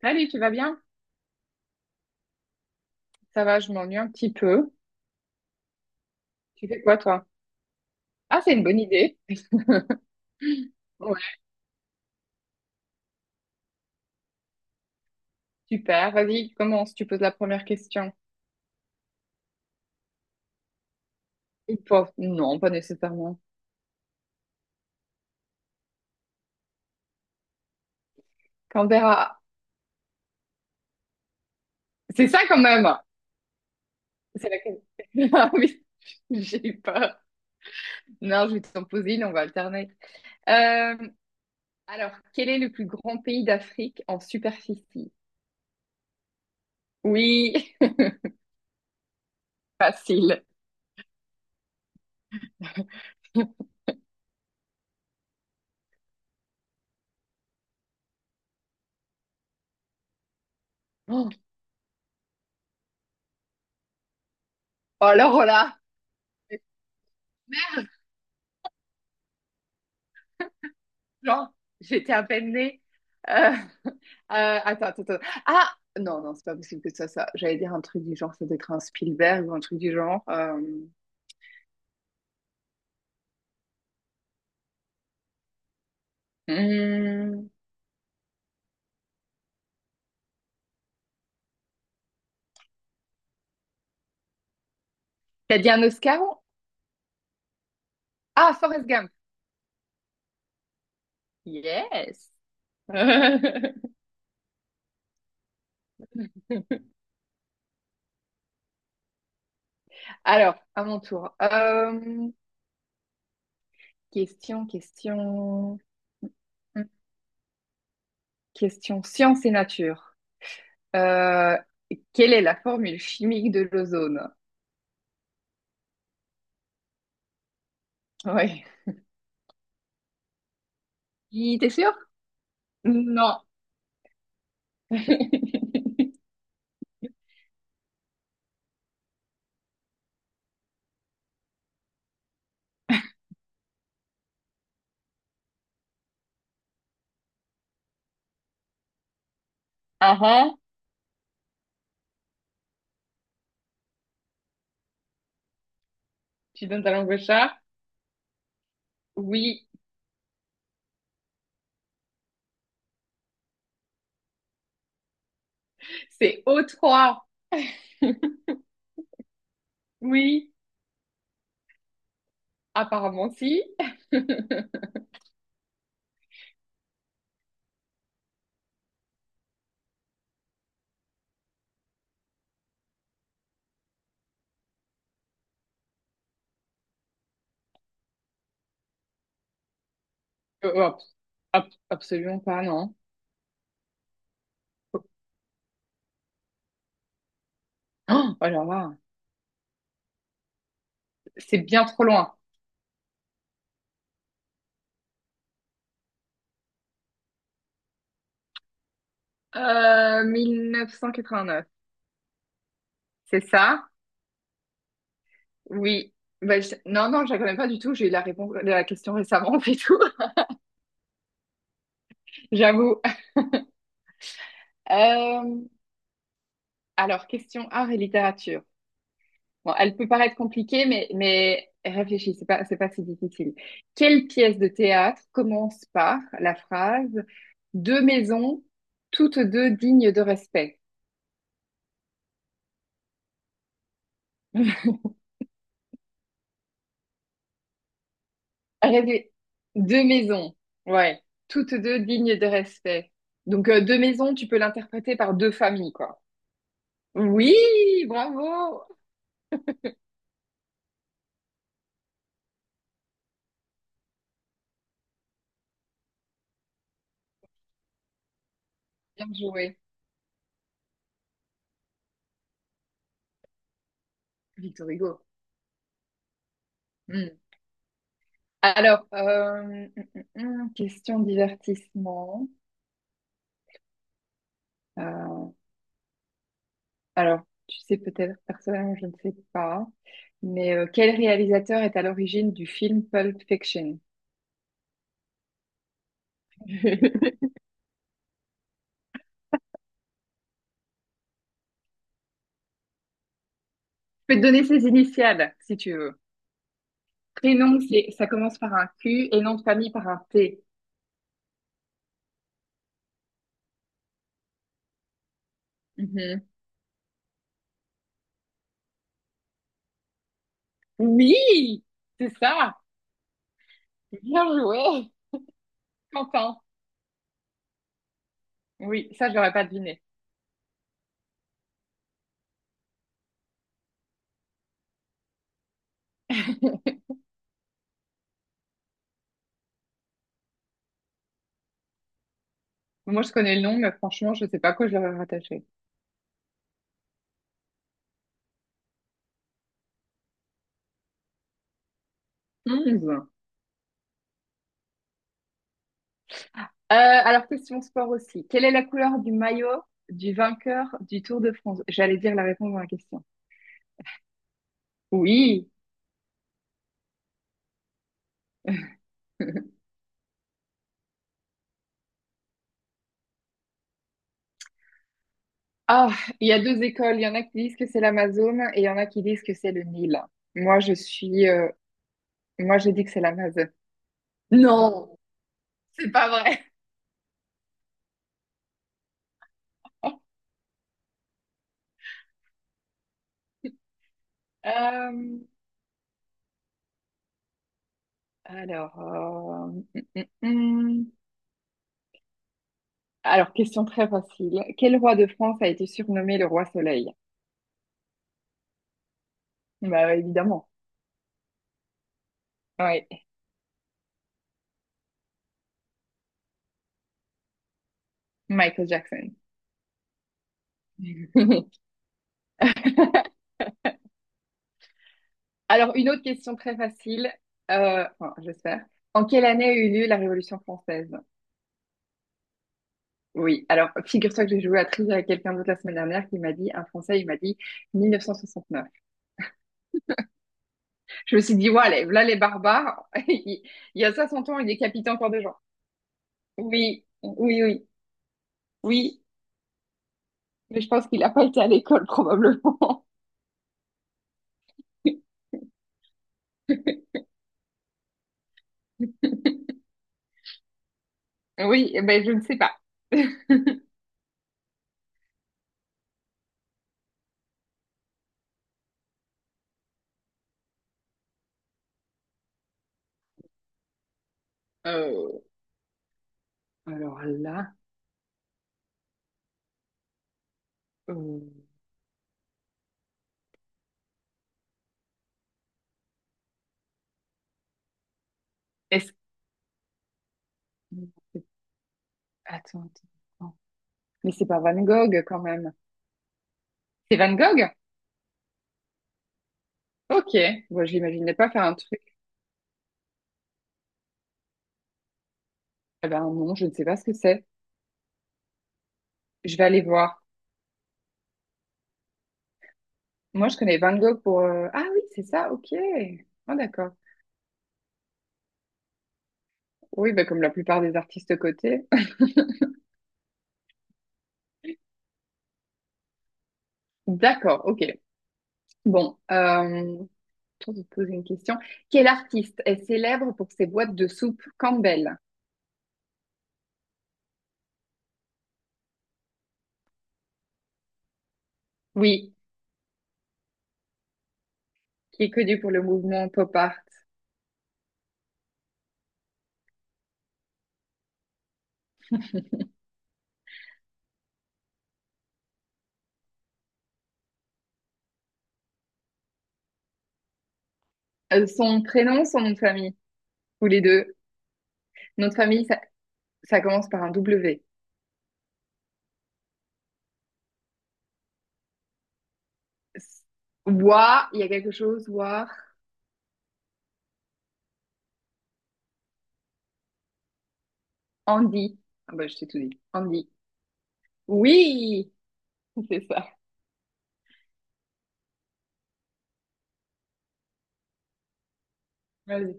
Salut, tu vas bien? Ça va, je m'ennuie un petit peu. Tu fais quoi, toi? Ah, c'est une bonne idée. Ouais, super. Vas-y, commence. Tu poses la première question. Ils peuvent. Non, pas nécessairement. Canberra. C'est ça quand même. C'est la Ah oui, j'ai eu peur. Non, je vais t'en poser une, on va alterner. Euh, alors, quel est le plus grand pays d'Afrique en superficie? Oui, facile. Oh, alors là. Genre, j'étais à peine née. Euh, euh, attends, attends, attends. Ah, non, non, c'est pas possible que ce soit ça. J'allais dire un truc du genre, ça doit être un Spielberg ou un truc du genre. Hmm. T'as dit un Oscar? Ah, Forrest Gump. Yes. Alors, à mon tour. Question, question, question science et nature. Euh, quelle est la formule chimique de l'ozone? Oui. T'es sûr? Non. Ah ah, tu donnes ta langue au chat? Oui. C'est O3. Oui. Apparemment, si. Hop, hop, absolument pas, non. Oh, oh là là, c'est bien trop loin. 1989. C'est ça? Oui. Bah, non, non, je la connais pas du tout. J'ai eu la réponse, la question récemment, c'est tout. J'avoue. Euh, Alors question art et littérature. Bon, elle peut paraître compliquée, mais réfléchis, c'est pas si difficile. Quelle pièce de théâtre commence par la phrase Deux maisons, toutes deux dignes de respect? Rêver. Deux maisons, ouais, toutes deux dignes de respect. Donc, deux maisons, tu peux l'interpréter par deux familles, quoi. Oui, bravo, bien joué, Victor Hugo. Hmm. Alors, hum, question divertissement. Euh, Alors tu sais peut-être personnellement, je ne sais pas, mais quel réalisateur est à l'origine du film Pulp Fiction? Je peux te donner ses initiales, si tu veux. Prénom, c'est, ça commence par un Q et nom de famille par un T. Mhm. Oui, c'est ça. Bien joué, Quentin. Oui, ça, je l'aurais pas deviné. Moi, je connais le nom, mais franchement, je ne sais pas à quoi je l'aurais rattaché. 11. Alors, question sport aussi. Quelle est la couleur du maillot du vainqueur du Tour de France? J'allais dire la réponse dans la question. Oui. Ah, il y a deux écoles. Il y en a qui disent que c'est l'Amazone et il y en a qui disent que c'est le Nil. Moi, je suis. Moi, je dis que c'est l'Amazone. Non, c'est pas vrai. Euh, alors. Alors, question très facile. Quel roi de France a été surnommé le roi Soleil? Bah, évidemment. Oui, Michael Jackson. Alors, une autre question très facile, enfin, j'espère. En quelle année a eu lieu la Révolution française? Oui, alors figure-toi que j'ai joué à Trivia avec quelqu'un d'autre la semaine dernière qui m'a dit, un Français, il m'a dit 1969. Je me suis dit, ouais, là les barbares, il y a 500 ans, il décapitait encore des gens. Oui, oui, oui, oui, mais je pense qu'il n'a pas été à l'école probablement. Oui, eh ben je ne sais pas. Euh, alors là, euh, est-ce Attends, attends, attends. Mais c'est pas Van Gogh quand même. C'est Van Gogh? Ok. Moi, j'imaginais pas faire un truc. Eh ben non, je ne sais pas ce que c'est. Je vais aller voir. Moi, je connais Van Gogh pour. Ah oui, c'est ça, ok. Ah d'accord. Oui, bah, comme la plupart des artistes cotés. D'accord, ok. Bon, je vais te poser une question. Quel artiste est célèbre pour ses boîtes de soupe Campbell? Oui, qui est connu pour le mouvement pop art. Son prénom, son nom de famille, ou les deux. Nom de famille, ça commence par un W. S- Wa, il y a quelque chose, War, Andy. Ah bah, je t'ai tout dit. Andy. Oui, c'est ça. Vas-y.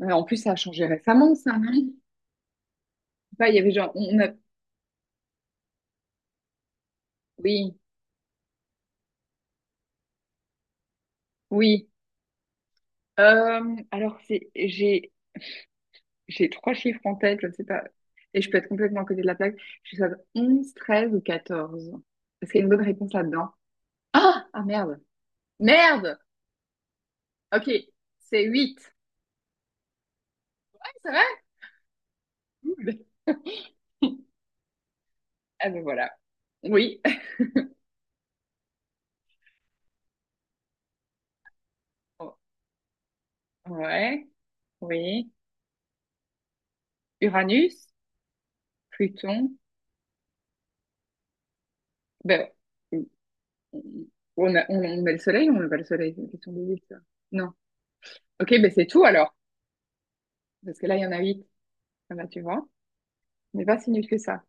Ouais, en plus, ça a changé récemment, ça, non? Je sais pas, il y avait genre. Oui, oui. Alors, j'ai trois chiffres en tête, je ne sais pas. Et je peux être complètement à côté de la plaque. Je sais pas, 11, 13 ou 14. Est-ce qu'il y a une bonne réponse là-dedans? Ah! Ah, merde. Merde! Ok, c'est huit. Ouais, c'est vrai? Cool. Ah ben voilà. Oui. Ouais, oui. Uranus, Pluton. Ben, on met le soleil ou on met pas le soleil? C'est une question de huit, ça. Non. Ok, ben c'est tout alors. Parce que là, il y en a huit. Ah bah, tu vois, on n'est pas si nul que ça.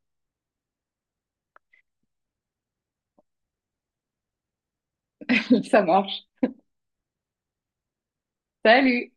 Ça marche. Salut!